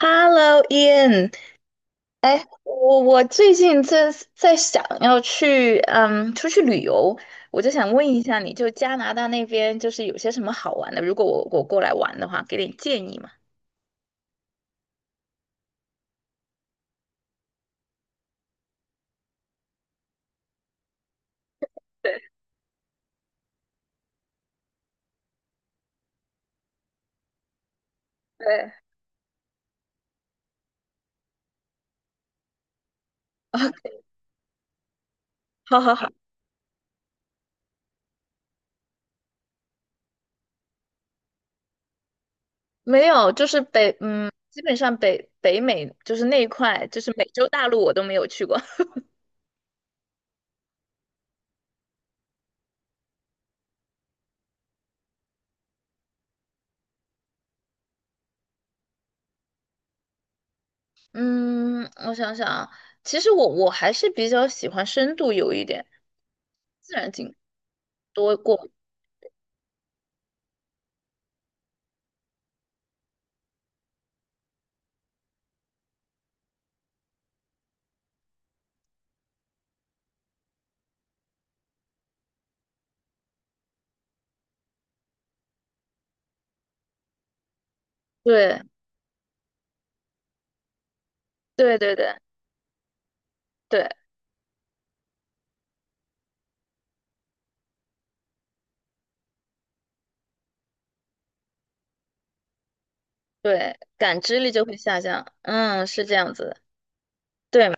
Hello, Ian，我最近在想要去出去旅游，我就想问一下你，就加拿大那边就是有些什么好玩的？如果我过来玩的话，给点建议嘛。对，好好好，没有，就是，基本上北美就是那一块，就是美洲大陆我都没有去过。嗯，我想想啊，其实我还是比较喜欢深度游一点，自然景多过。对对对对对。对，感知力就会下降。嗯，是这样子的。对，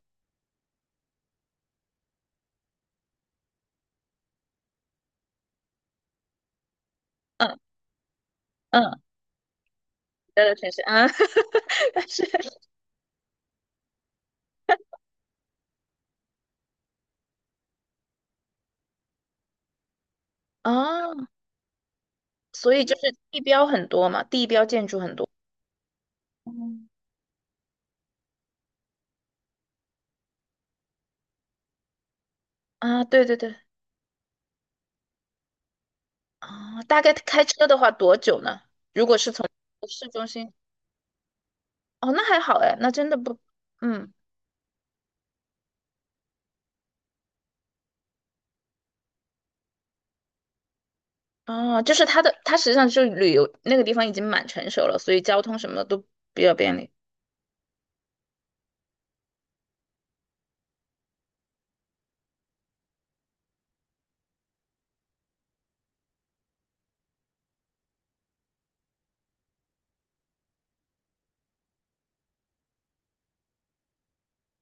嗯嗯，待在城市啊。但是啊，所以就是地标很多嘛，地标建筑很多。嗯。啊，对对对。啊，大概开车的话多久呢？市中心？哦，那还好哎，那真的不，嗯。哦，就是它的，它实际上就是旅游那个地方已经蛮成熟了，所以交通什么的都比较便利。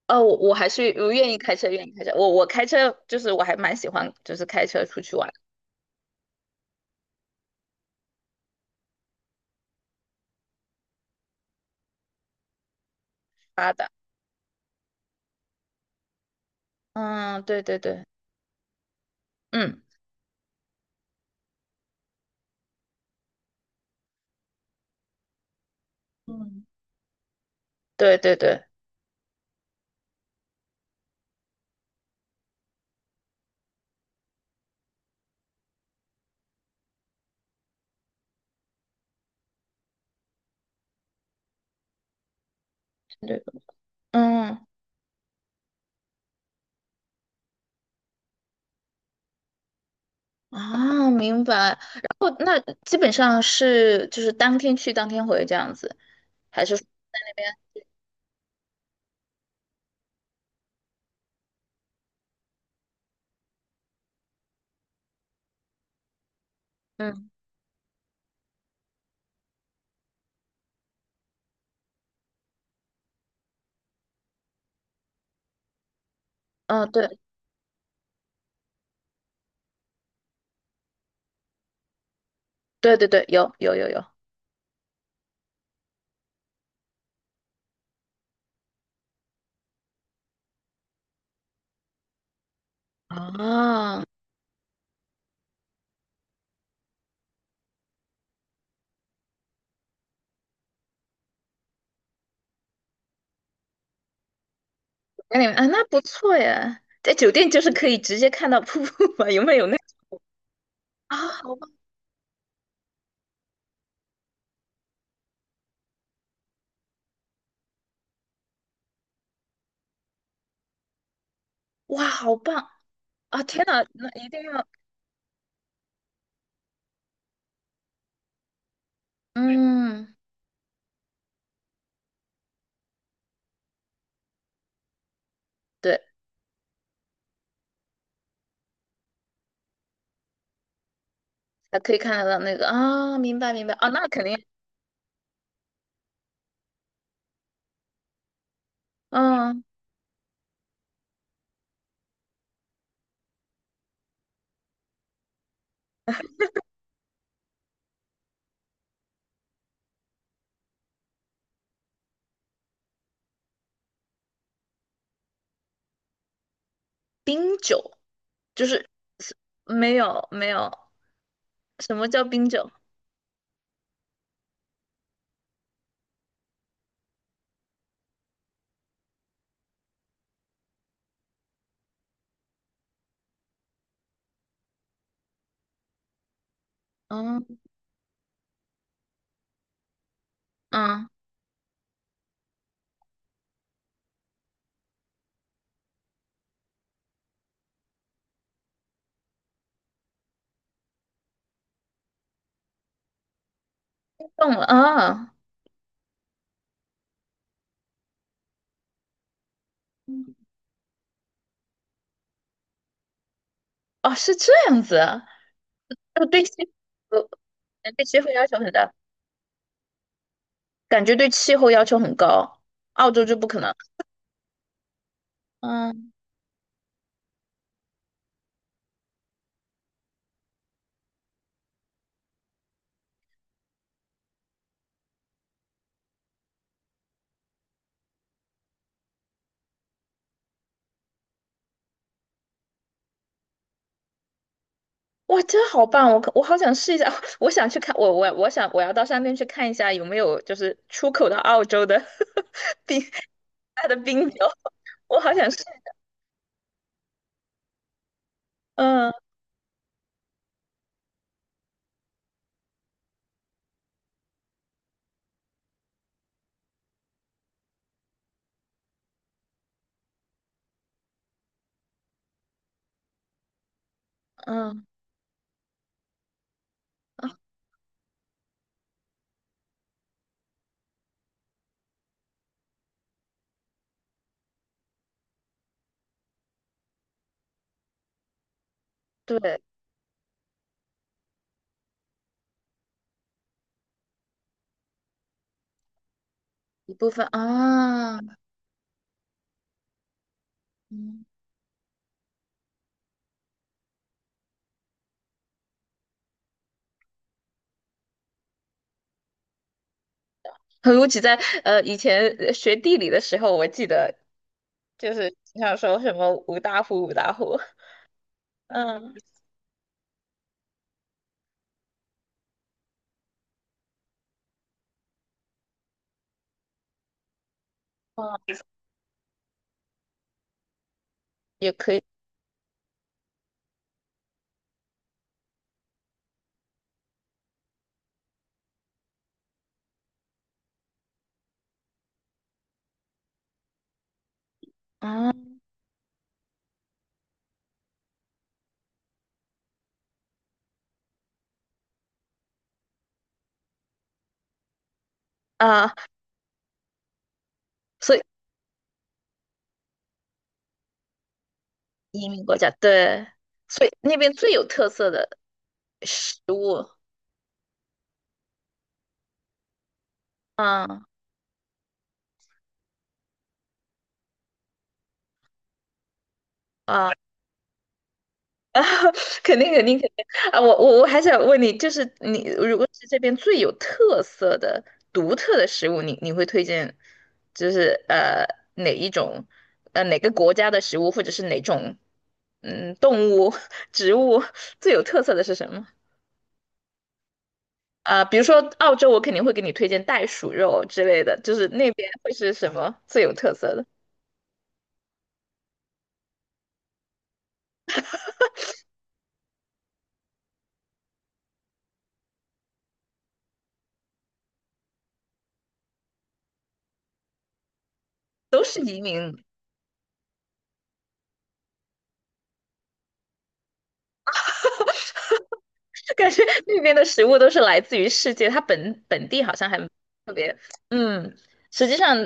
哦，我还是我愿意开车，愿意开车。我开车就是我还蛮喜欢，就是开车出去玩。嗯，对对对。嗯。嗯，对对对。是这个。嗯。啊，明白。然后那基本上是就是当天去当天回这样子，还是？嗯。哦，对对对对，有有有有。啊，那你们啊，那不错耶，在酒店就是可以直接看到瀑布嘛，有没有那 啊，好棒！哇，好棒！啊，天呐，那一定要，嗯。对，还可以看得到那个啊，明白明白啊，那肯定。嗯。冰酒。就是没有没有，什么叫冰酒？嗯嗯，懂了啊。嗯。哦，是这样子啊。那对气，对气候要求很大，感觉对气候要求很高，澳洲就不可能。嗯。哇，真好棒！我好想试一下，我想去看，我想我要到上面去看一下有没有就是出口到澳洲的 冰它的冰酒，我好想试。嗯嗯。啊，对，一部分啊。嗯。 尤其在以前学地理的时候，我记得就是经常说什么五大湖五大湖。嗯。哦，也可以。嗯。啊，所以移民国家对，所以那边最有特色的食物。嗯。啊。啊，肯定肯定肯定。啊！我还想问你，就是你如果是这边最有特色的、独特的食物，你会推荐，就是哪一种，哪个国家的食物，或者是哪种动物、植物最有特色的是什么？啊、比如说澳洲，我肯定会给你推荐袋鼠肉之类的，就是那边会是什么最有特色的？都是移民。感觉那边的食物都是来自于世界，它本地好像还特别，嗯，实际上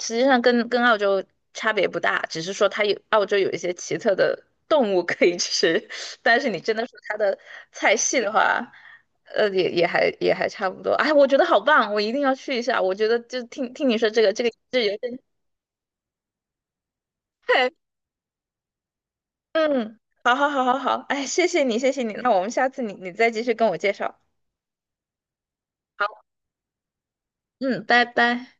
实际上跟澳洲差别不大，只是说它有澳洲有一些奇特的动物可以吃，但是你真的说它的菜系的话，也还差不多。哎，我觉得好棒，我一定要去一下。我觉得就听听你说这个这个这有点太，嗯，好好好好好，哎，谢谢你，那我们下次你再继续跟我介绍。好。嗯，拜拜。